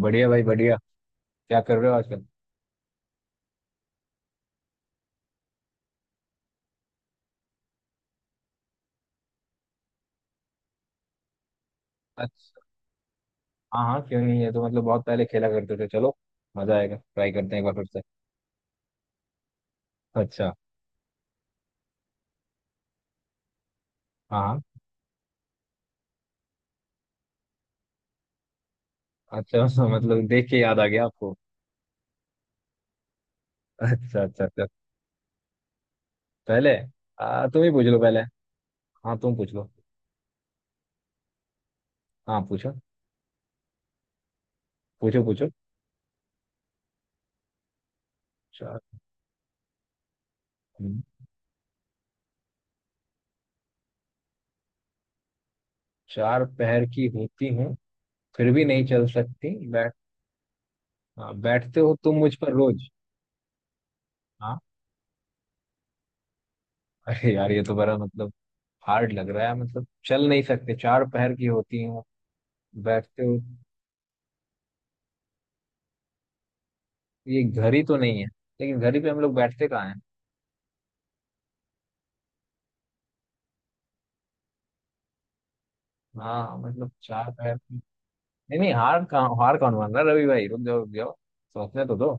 बढ़िया भाई बढ़िया। क्या कर रहे हो आजकल? अच्छा। हाँ हाँ, क्यों नहीं, ये तो मतलब बहुत पहले खेला करते थे। चलो, मजा आएगा, ट्राई करते हैं एक बार फिर से। अच्छा। हाँ हाँ। अच्छा। हाँ, मतलब देख के याद आ गया आपको। अच्छा अच्छा अच्छा। पहले। तुम ही पूछ लो पहले। हाँ तुम पूछ लो। हाँ, पूछो पूछो पूछो। चार। हम्म, चार पैर की होती हूँ, फिर भी नहीं चल सकती, बैठ। हाँ, बैठते हो तुम मुझ पर रोज। हाँ। अरे यार, ये तो बड़ा मतलब हार्ड लग रहा है, मतलब चल नहीं सकते, चार पैर की होती हूँ, बैठते हो। ये घर ही तो नहीं है, लेकिन घर ही पे हम लोग बैठते कहाँ हैं। हाँ मतलब चार पैर की-। नहीं नहीं, हार कहाँ, हार कौन मान रहा है, रवि भाई रुक जाओ रुक जाओ, सोचने तो दो।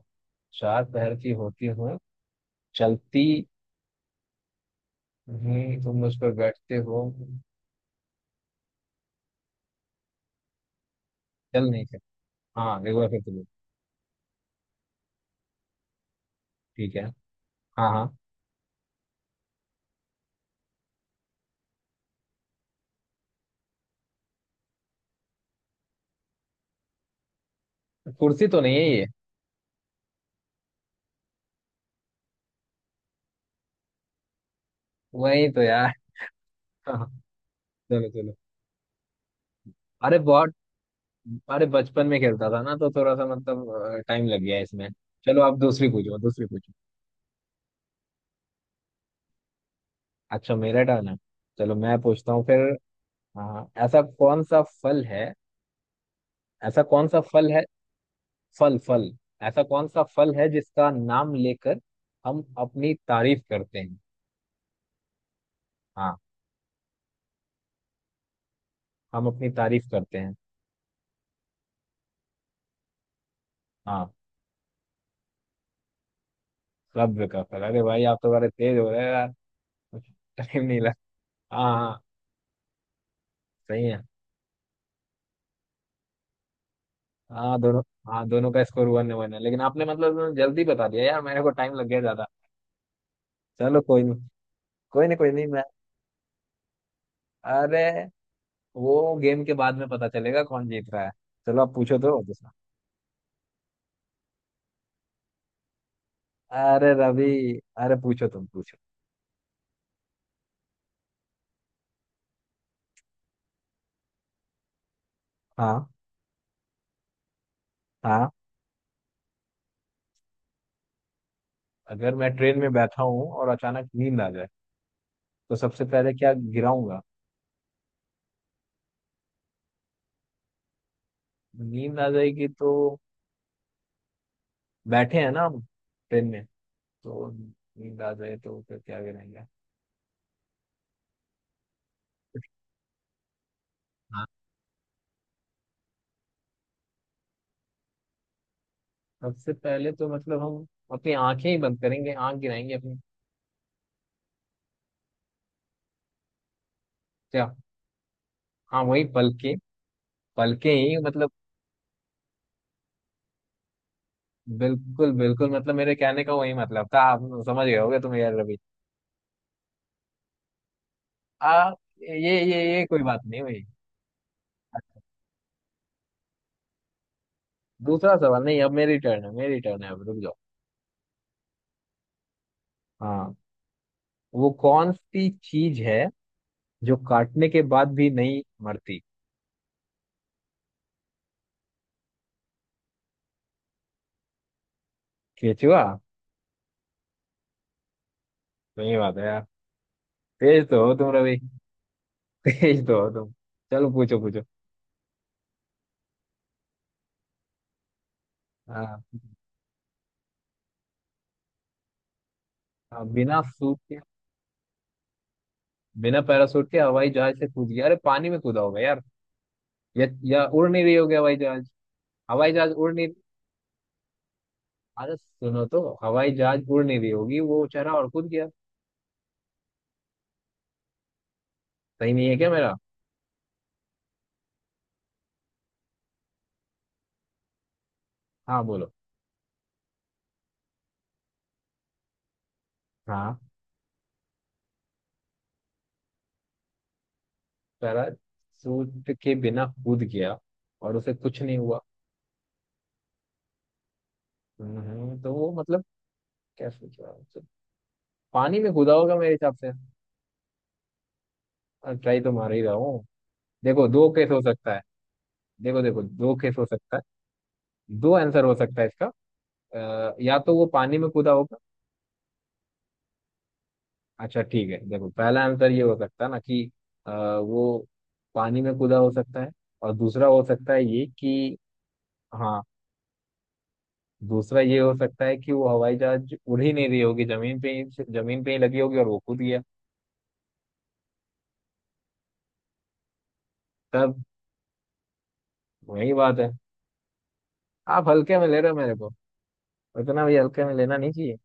चार पैर की होती हुए, चलती, नहीं तुम उस पर बैठते हो, चल नहीं सकते। हाँ एक बार फिर तुम। ठीक है। हाँ हाँ। कुर्सी तो नहीं है ये? वही तो यार। हाँ, चलो चलो। अरे बहुत। अरे बचपन में खेलता था ना, तो थोड़ा सा मतलब टाइम लग गया इसमें। चलो आप दूसरी पूछो, दूसरी पूछो। अच्छा मेरा टर्न है, चलो मैं पूछता हूँ फिर। हाँ हाँ। ऐसा कौन सा फल है, ऐसा कौन सा फल है, फल फल, ऐसा कौन सा फल है जिसका नाम लेकर हम अपनी तारीफ करते हैं? हाँ, हम अपनी तारीफ करते हैं। हाँ। सब्र का फल। अरे भाई आप तो बड़े तेज हो रहे हैं यार। टाइम नहीं लगा। हाँ हाँ, सही है। हाँ दोनों, हाँ दोनों का स्कोर 1-1 है, लेकिन आपने मतलब जल्दी बता दिया यार, मेरे को टाइम लग गया ज्यादा। चलो कोई नहीं, कोई नहीं कोई नहीं मैं। अरे, वो गेम के बाद में पता चलेगा कौन जीत रहा है। चलो आप पूछो तो। अरे रवि, अरे पूछो तुम पूछो। हाँ हाँ। अगर मैं ट्रेन में बैठा हूँ और अचानक नींद आ जाए, तो सबसे पहले क्या गिराऊंगा? नींद आ जाएगी तो, बैठे हैं ना हम ट्रेन में, तो नींद आ जाए तो फिर क्या गिराएंगे? हाँ, सबसे पहले तो मतलब हम अपनी आंखें ही बंद करेंगे, आंख गिराएंगे अपनी। क्या? हाँ वही पलके, पलके ही मतलब। बिल्कुल बिल्कुल, मतलब मेरे कहने का वही मतलब था, आप समझ गए होगे तुम यार रवि। आ ये ये कोई बात नहीं हुई। दूसरा सवाल नहीं, अब मेरी टर्न है, मेरी टर्न है, अब रुक जाओ। हाँ, वो कौन सी चीज है जो काटने के बाद भी नहीं मरती? केचुआ। सही बात है यार, तेज तो हो तुम रवि। तेज तो हो तुम। चलो पूछो पूछो। हाँ हाँ, बिना सूट के, बिना पैरासूट के हवाई जहाज से कूद गया, अरे पानी में कूदा होगा यार, या उड़ नहीं रही होगी हवाई जहाज, हवाई जहाज उड़ नहीं। अरे सुनो तो, हवाई जहाज उड़ नहीं रही होगी, वो चढ़ा और कूद गया। सही नहीं है क्या मेरा? हाँ बोलो। हाँ, पैराशूट के बिना कूद गया और उसे कुछ नहीं हुआ। तो वो मतलब, कैसे क्या तो, पानी में कूदा होगा मेरे हिसाब से। ट्राई तो मार ही रहा हूँ। देखो दो केस हो सकता है। देखो देखो, दो केस हो सकता है, दो आंसर हो सकता है इसका। या तो वो पानी में कूदा होगा। अच्छा ठीक है, देखो पहला आंसर ये हो सकता है ना कि वो पानी में कूदा हो सकता है। और दूसरा हो सकता है ये कि, हाँ, दूसरा ये हो सकता है कि वो हवाई जहाज उड़ ही नहीं रही होगी, जमीन पे ही, जमीन पे ही लगी होगी और वो कूद गया। तब वही बात है। आप हल्के में ले रहे हो मेरे को, इतना भी हल्के में लेना नहीं चाहिए।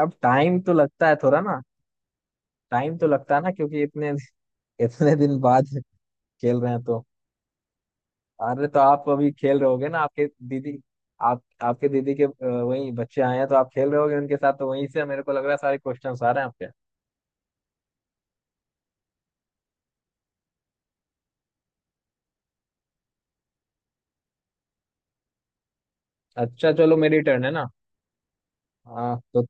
अब टाइम तो लगता है थोड़ा ना। टाइम तो लगता है ना क्योंकि इतने इतने दिन बाद खेल रहे हैं तो। अरे तो आप अभी खेल रहे होगे ना, आपके दीदी, आप आपके दीदी के वही बच्चे आए हैं, तो आप खेल रहे होगे उनके साथ, तो वहीं से मेरे को लग रहा है सारे क्वेश्चन आ रहे हैं आपके। अच्छा चलो, मेरी टर्न है ना। हाँ तो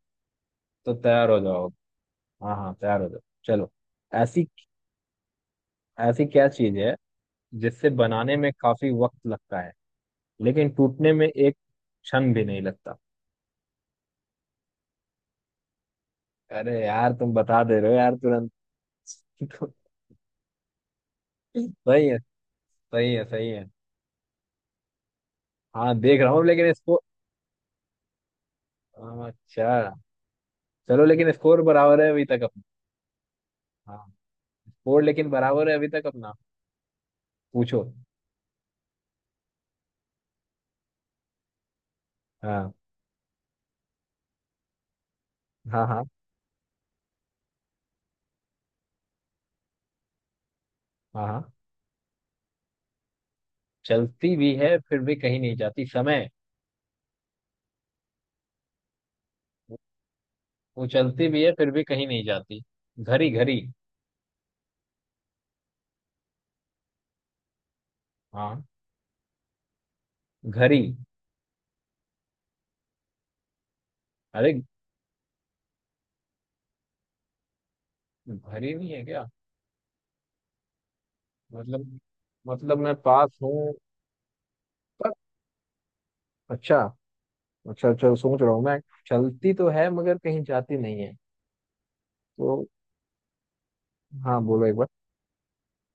तो तैयार हो जाओ। हाँ हाँ, तैयार हो जाओ। चलो। ऐसी, ऐसी क्या चीज है जिससे बनाने में काफी वक्त लगता है, लेकिन टूटने में एक क्षण भी नहीं लगता? अरे यार तुम बता दे रहे हो यार तुरंत। सही है, सही है सही है। हाँ देख रहा हूँ लेकिन इसको, अच्छा चलो, लेकिन स्कोर बराबर है अभी तक अपना। हाँ, स्कोर लेकिन बराबर है अभी तक अपना। पूछो। हाँ हाँ। हाँ हाँ। हाँ, चलती भी है फिर भी कहीं नहीं जाती, समय। वो चलती भी है फिर भी कहीं नहीं जाती। घड़ी, घड़ी। हाँ। घरी। अरे, घरी नहीं है क्या? मतलब, मतलब मैं पास हूँ? पर, अच्छा, अच्छा अच्छा सोच रहा हूँ मैं। चलती तो है मगर कहीं जाती नहीं है। तो, हाँ बोलो एक बार।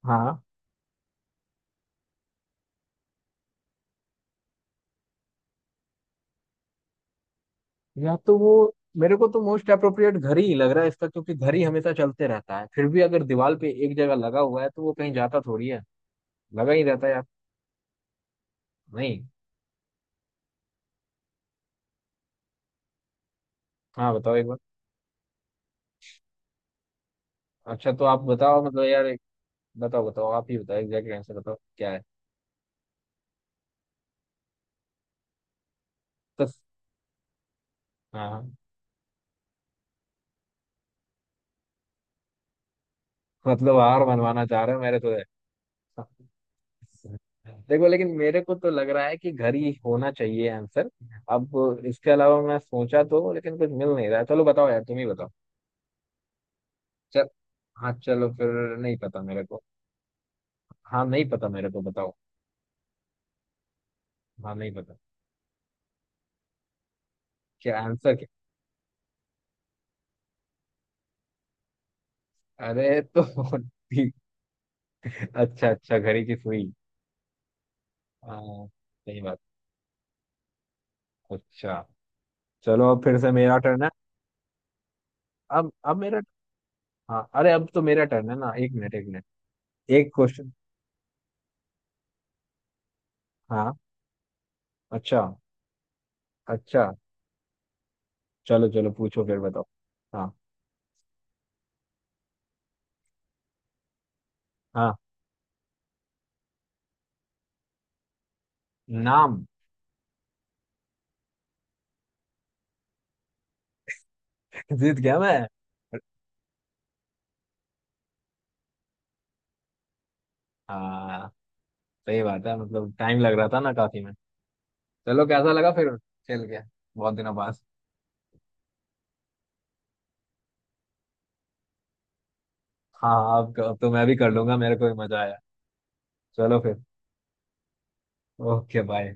हाँ, या तो वो, मेरे को तो मोस्ट अप्रोप्रिएट घर ही लग रहा है इसका, क्योंकि घर ही हमेशा चलते रहता है, फिर भी अगर दीवार पे एक जगह लगा हुआ है तो वो कहीं जाता थोड़ी है, लगा ही रहता है यार। नहीं। हाँ बताओ एक बार। अच्छा तो आप बताओ मतलब यार एक, बताओ बताओ, आप ही बताओ एग्जैक्ट आंसर, बताओ क्या है। तो, हाँ हाँ, मतलब हार मनवाना चाह रहे हो मेरे तो। देखो लेकिन मेरे को तो लग रहा है कि घर ही होना चाहिए आंसर। अब इसके अलावा मैं सोचा तो लेकिन कुछ मिल नहीं रहा है। चलो बताओ यार, तुम ही बताओ। चल, हाँ चलो फिर, नहीं पता मेरे को। हाँ नहीं पता मेरे को, बताओ। हाँ नहीं पता। क्या आंसर, क्या? अरे तो ठीक, अच्छा अच्छा घड़ी की सुई। हाँ सही बात। अच्छा चलो, अब फिर से मेरा टर्न है। अब मेरा, हाँ अरे अब तो मेरा टर्न है ना, एक मिनट एक मिनट। एक क्वेश्चन, हाँ। अच्छा, अच्छा। चलो चलो पूछो फिर बताओ। हाँ। हाँ। नाम। जीत गया मैं। हाँ सही बात है, मतलब टाइम लग रहा था ना काफी में। चलो कैसा लगा फिर खेल के, बहुत दिनों बाद। हाँ, अब तो मैं भी कर लूंगा, मेरे को भी मजा आया। चलो फिर। Okay bye.